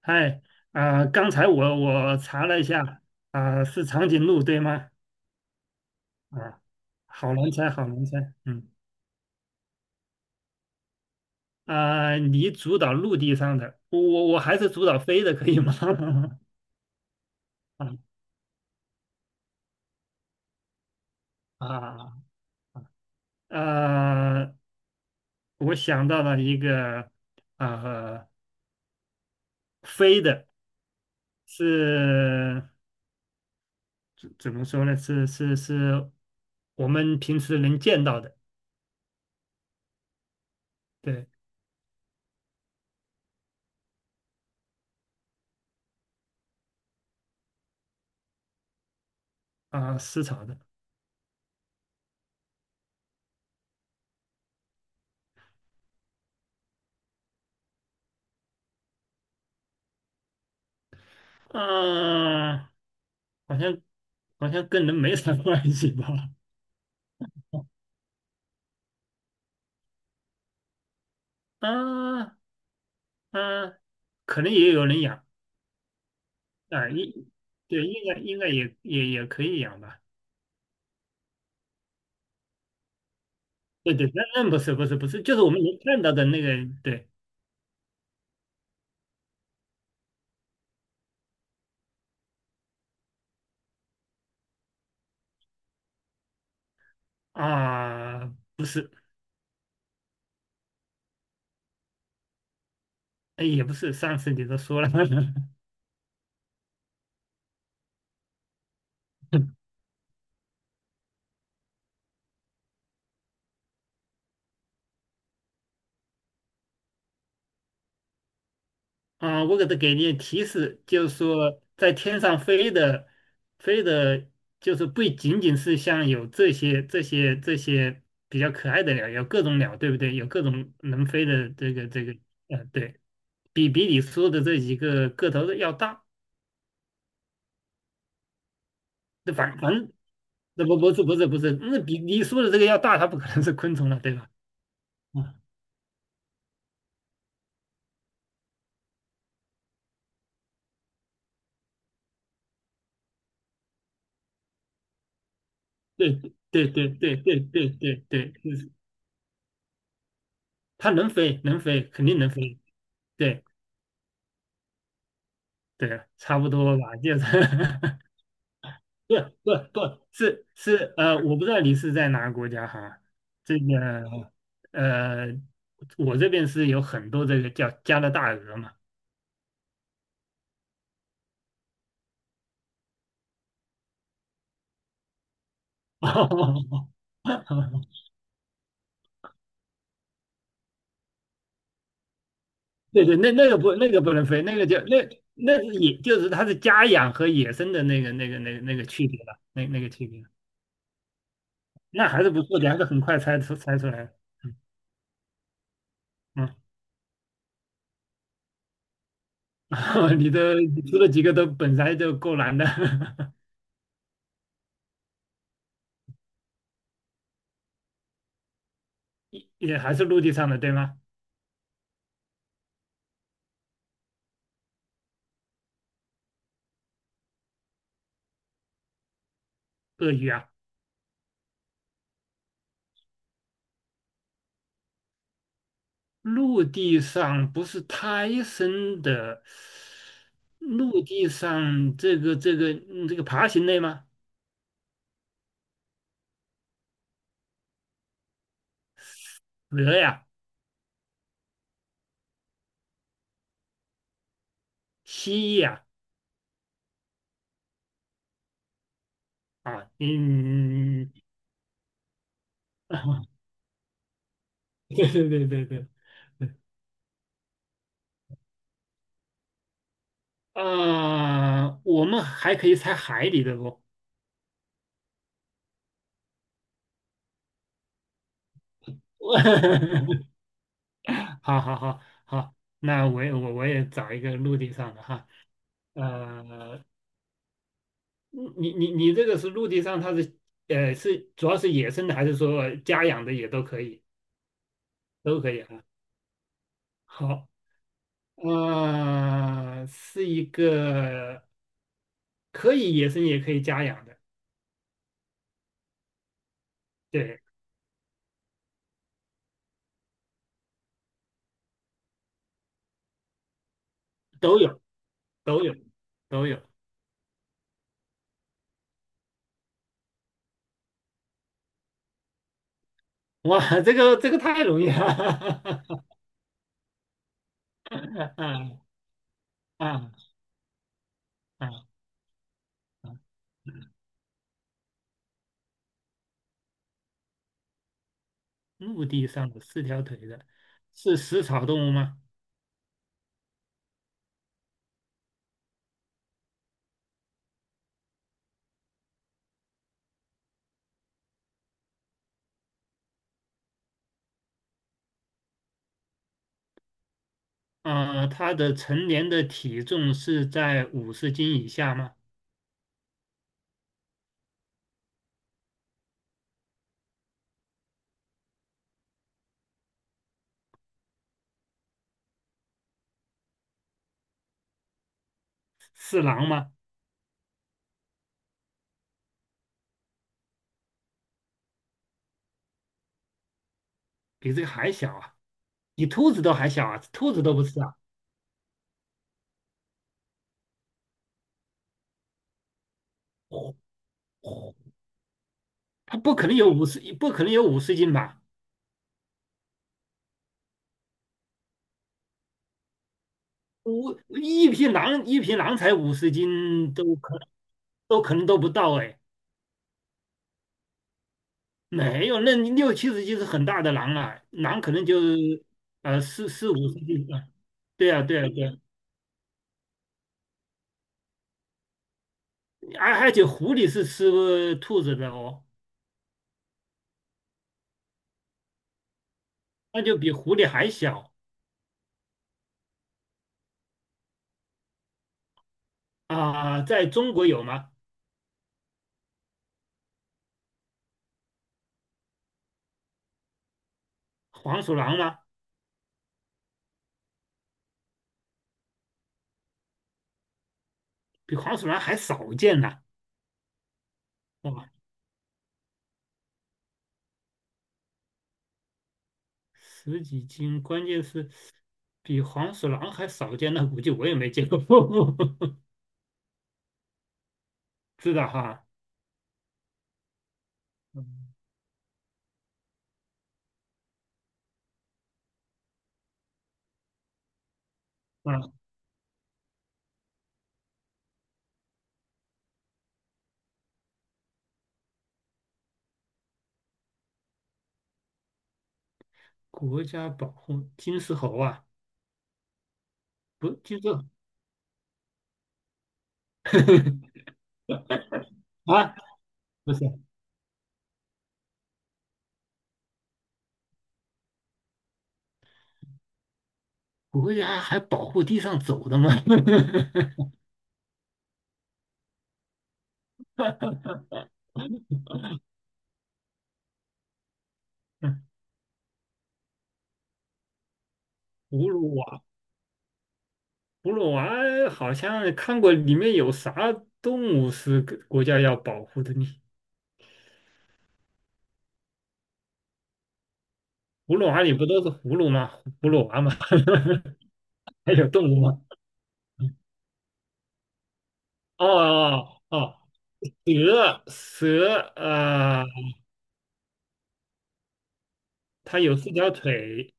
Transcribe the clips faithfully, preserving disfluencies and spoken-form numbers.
嗨，啊、刚才我我查了一下，啊、是长颈鹿对吗？啊，好难猜，好难猜，嗯，啊、你主导陆地上的，我我我还是主导飞的，可以吗？啊啊，呃，我想到了一个，呃，飞的是怎怎么说呢？是是是，我们平时能见到的。对，啊、食草的。啊、好像好像跟人没啥关系吧？啊啊，可能也有人养。啊，应对，应该应该也也也可以养吧？对对，那那不是，不是，不是，就是我们能看到的那个。对啊，不是。哎，也不是，上次你都说了。啊，我给他给你提示，就是说在天上飞的，飞的，就是不仅仅是像有这些这些这些比较可爱的鸟，有各种鸟，对不对？有各种能飞的这个这个，呃，对。比比你说的这几个个头的要大，那反反正那不不是不是不是，那比你说的这个要大，它不可能是昆虫了，对吧？啊，对对对对对对对对，就是它能飞能飞，肯定能飞。对，对啊，差不多吧，就是。不不不是，是，呃，我不知道你是在哪个国家哈。这个，呃，我这边是有很多这个叫加拿大鹅嘛。哦，对对，那那个不那个不能飞，那个叫那，那是野，就是它是家养和野生的那个那个那个那个区别了，那那个区别，那还是不错的，还是很快猜出猜出来了。嗯。你的你出了几个都本来就够难的。也还是陆地上的，对吗？鳄鱼啊。陆地上不是胎生的，陆地上这个这个嗯这个爬行类吗？鹅呀，蜥蜴呀，啊，嗯，对对对对对，啊，我们还可以猜海里的不？好好好好，那我也我我也找一个陆地上的哈，呃，你你你这个是陆地上，它是呃是主要是野生的还是说家养的也都可以？都可以啊。好，呃，是一个可以野生也可以家养的，对。都有，都有，都有。哇，这个这个太容易了。啊，啊，啊！陆地上的四条腿的，是食草动物吗？啊、它的成年的体重是在五十斤以下吗？是狼吗？比这个还小啊，比兔子都还小啊，兔子都不是啊。它不可能有五十，不可能有五十斤吧？五，一匹狼，一匹狼才五十斤，都可都可能都不到哎，没有，那你六七十斤是很大的狼了，狼可能就呃四四五十斤啊。对啊对啊对啊，而而且狐狸是吃兔子的哦，那就比狐狸还小。啊、在中国有吗？黄鼠狼吗？比黄鼠狼还少见呢、吧？十几斤，关键是比黄鼠狼还少见，那估计我也没见过。知道哈？嗯，啊，国家保护金丝猴啊，不，金丝。 啊，不是，国家还保护地上走的吗？葫芦娃，葫芦娃好像看过，里面有啥动物是国国家要保护的呢？葫芦娃里不都是葫芦吗？葫芦娃吗？还有动物吗？哦哦哦，哦，蛇蛇啊，呃它有四条腿。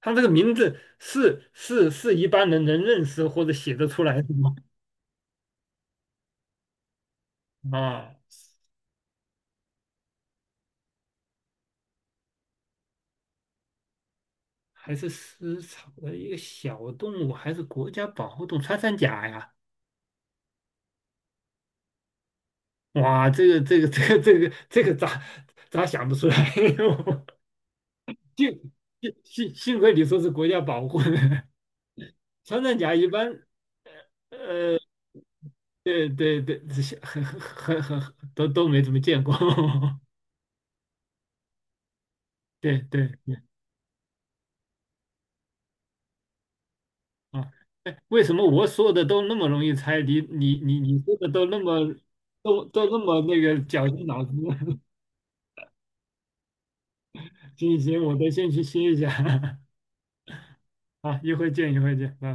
它这个名字是是是一般人能认识或者写得出来的吗？啊，还是食草的一个小动物，还是国家保护动物穿山甲呀？哇，这个这个这个这个这个咋，咋想不出来？幸幸幸幸亏你说是国家保护的。穿山甲一般，对对对，这些很很很很很都都没怎么见过。对对啊，哎，为什么我说的都那么容易猜，你你你你说的都那么，都都那么那个绞尽脑汁？行行，我得先去歇一下。啊 一会见，一会见，拜拜。